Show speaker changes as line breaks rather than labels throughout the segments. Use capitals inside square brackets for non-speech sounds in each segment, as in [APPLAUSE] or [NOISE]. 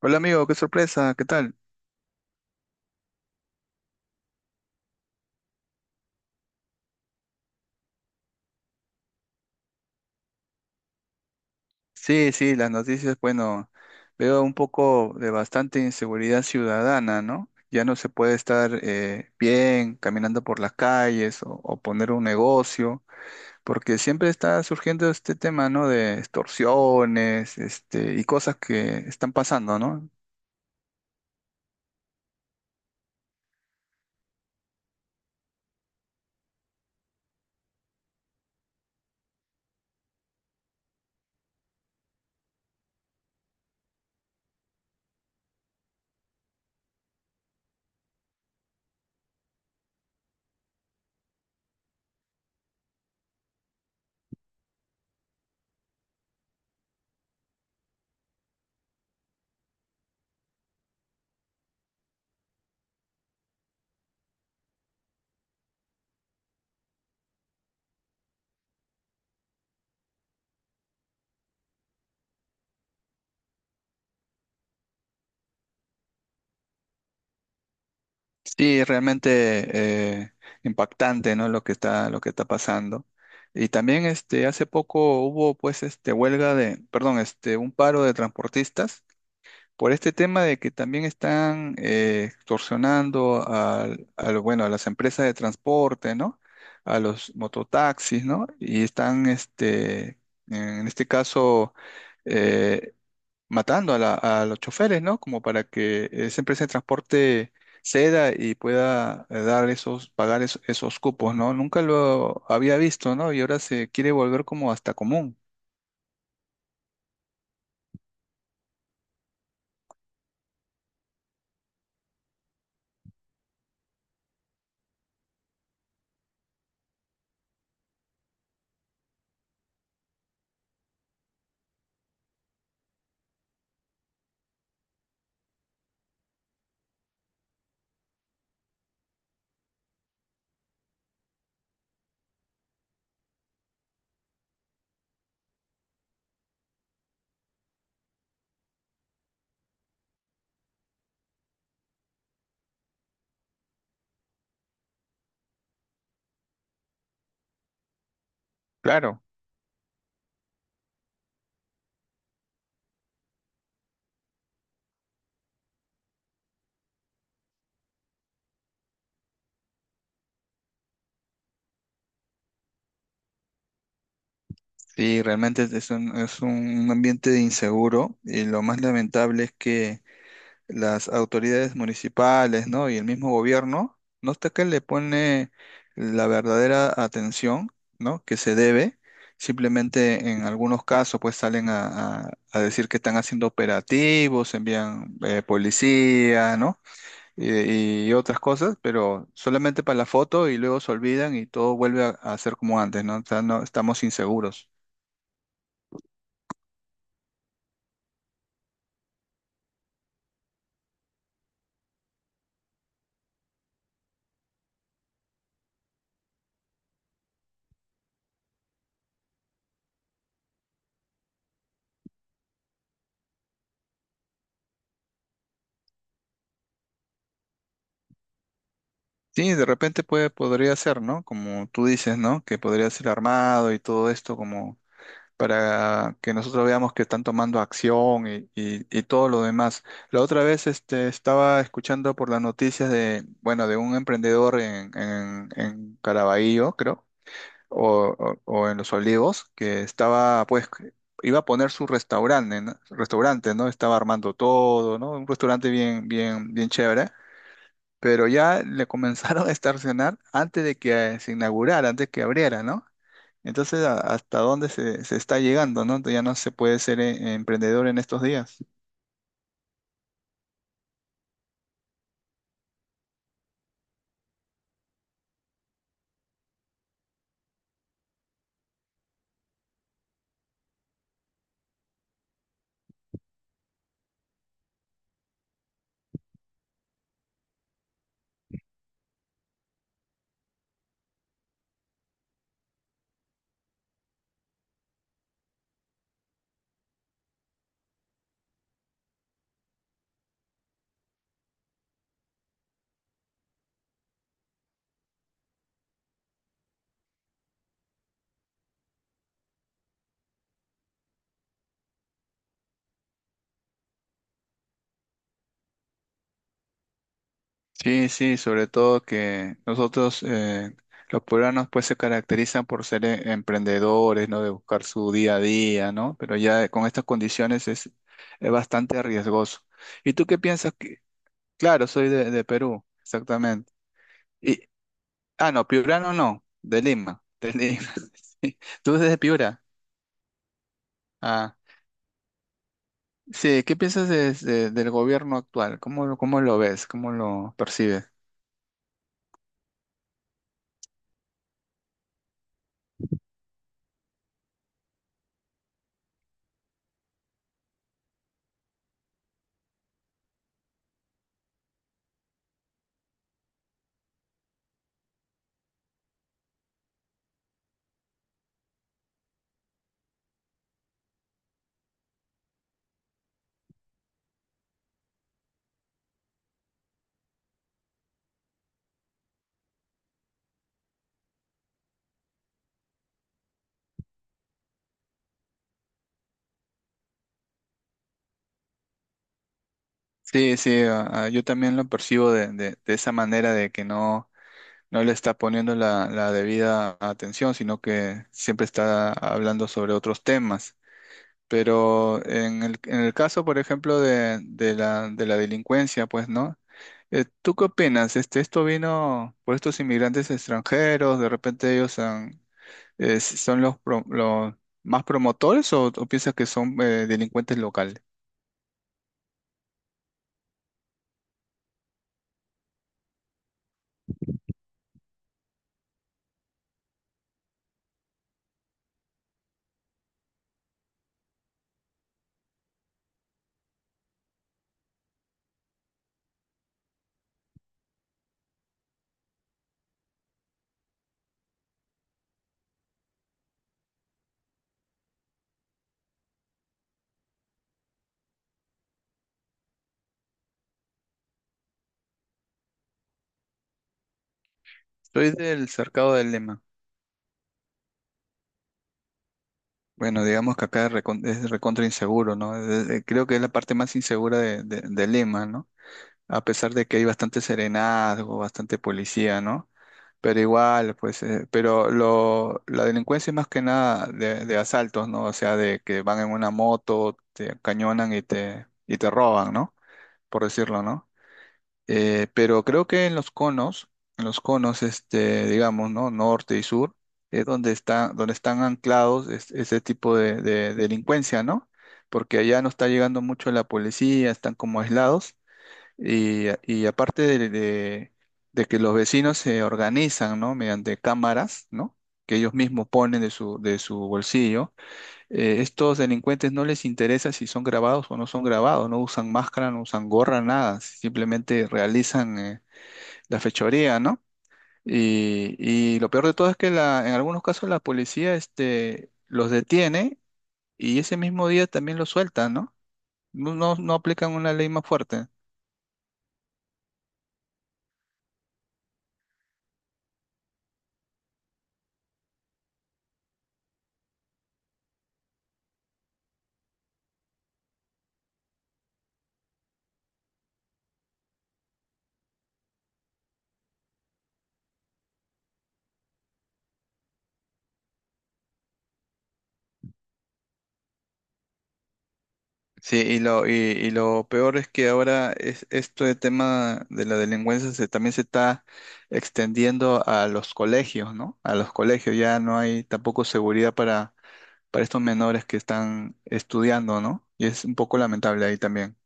Hola amigo, qué sorpresa, ¿qué tal? Sí, sí, las noticias, bueno, veo un poco de bastante inseguridad ciudadana, ¿no? Ya no se puede estar bien caminando por las calles o poner un negocio, porque siempre está surgiendo este tema, ¿no? De extorsiones, este, y cosas que están pasando, ¿no? Sí, realmente impactante, ¿no? Lo que está pasando. Y también, este, hace poco hubo, pues, este, un paro de transportistas por este tema de que también están extorsionando bueno, a las empresas de transporte, ¿no? A los mototaxis, ¿no? Y están, este, en este caso, eh, matando a, a los choferes, ¿no? Como para que esa empresa de transporte ceda y pueda pagar esos, esos cupos, ¿no? Nunca lo había visto, ¿no? Y ahora se quiere volver como hasta común. Claro. Sí, realmente es un ambiente inseguro y lo más lamentable es que las autoridades municipales, ¿no? Y el mismo gobierno, no está que le pone la verdadera atención, ¿no? Que se debe. Simplemente en algunos casos, pues salen a, a decir que están haciendo operativos, envían policía, ¿no? Y otras cosas, pero solamente para la foto y luego se olvidan y todo vuelve a ser como antes, ¿no? O sea, no- estamos inseguros. Sí, de repente podría ser, ¿no? Como tú dices, ¿no? Que podría ser armado y todo esto como para que nosotros veamos que están tomando acción y todo lo demás. La otra vez este, estaba escuchando por las noticias de, bueno, de un emprendedor en Caraballo, creo, o en Los Olivos, que estaba, pues, iba a poner su restaurante, ¿no? Restaurante, ¿no? Estaba armando todo, ¿no? Un restaurante bien chévere. Pero ya le comenzaron a estacionar antes de que se inaugurara, antes que abriera, ¿no? Entonces, a- ¿hasta dónde se, se está llegando, no? Ya no se puede ser emprendedor en estos días. Sí, sí, sobre todo que nosotros, los peruanos, pues se caracterizan por ser emprendedores, ¿no? De buscar su día a día, ¿no? Pero ya con estas condiciones es bastante riesgoso. ¿Y tú qué piensas? Que- Claro, soy de Perú, exactamente. Y, ah, no, piurano no, no, de Lima, de Lima. [LAUGHS] Sí. ¿Tú eres de Piura? Ah. Sí, ¿qué piensas del gobierno actual? ¿Cómo, cómo lo ves? ¿Cómo lo percibes? Sí, sí, yo también lo percibo de, de esa manera de que no, no le está poniendo la, la debida atención, sino que siempre está hablando sobre otros temas. Pero en el caso, por ejemplo, de, de la delincuencia, pues, ¿no? ¿Tú qué opinas? Este, ¿esto vino por estos inmigrantes extranjeros? ¿De repente ellos han, ¿son los, los más promotores o piensas que son delincuentes locales? Soy del cercado del Lema. Bueno, digamos que acá es es recontra inseguro, ¿no? Creo que es la parte más insegura de, de Lima, ¿no? A pesar de que hay bastante serenazgo, bastante policía, ¿no? Pero igual, pues, pero lo, la delincuencia es más que nada de, de asaltos, ¿no? O sea, de que van en una moto, te cañonan y te roban, ¿no? Por decirlo, ¿no? Pero creo que en los conos, este, digamos, ¿no? Norte y sur, es donde está, donde están anclados ese tipo de delincuencia, ¿no? Porque allá no está llegando mucho la policía, están como aislados, y aparte de, de que los vecinos se organizan, ¿no? Mediante cámaras, ¿no? Que ellos mismos ponen de su bolsillo estos delincuentes no les interesa si son grabados o no son grabados, no usan máscara, no usan gorra, nada, simplemente realizan la fechoría, ¿no? Y, y lo peor de todo es que la, en algunos casos la policía este, los detiene y ese mismo día también los suelta, ¿no? No, no, no aplican una ley más fuerte. Sí, y lo peor es que ahora es, esto de tema de la delincuencia se, también se está extendiendo a los colegios, ¿no? A los colegios ya no hay tampoco seguridad para estos menores que están estudiando, ¿no? Y es un poco lamentable ahí también.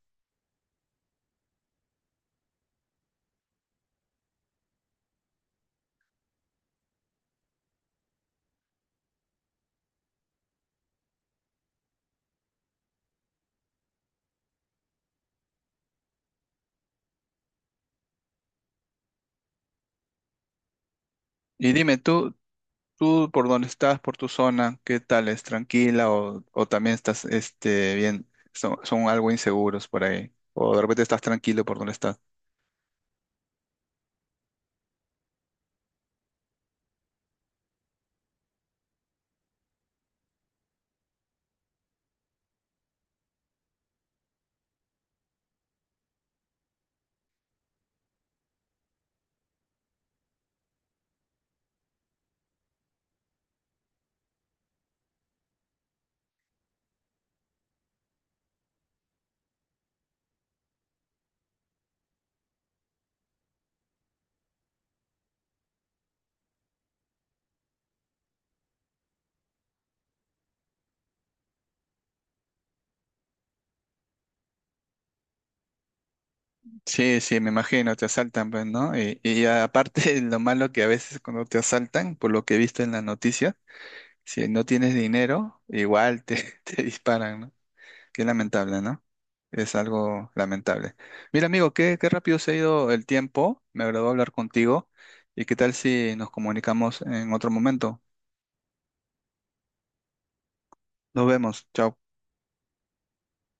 Y dime, tú por dónde estás, por tu zona, ¿qué tal? ¿Es tranquila o también estás, este, bien, son, son algo inseguros por ahí? O de repente estás tranquilo por donde estás. Sí, sí, me imagino, te asaltan, pues, ¿no? Y aparte, [LAUGHS] lo malo que a veces cuando te asaltan, por lo que he visto en las noticias, si no tienes dinero, igual te, [LAUGHS] te disparan, ¿no? Qué lamentable, ¿no? Es algo lamentable. Mira, amigo, qué rápido se ha ido el tiempo. Me agradó hablar contigo. ¿Y qué tal si nos comunicamos en otro momento? Nos vemos. Chao.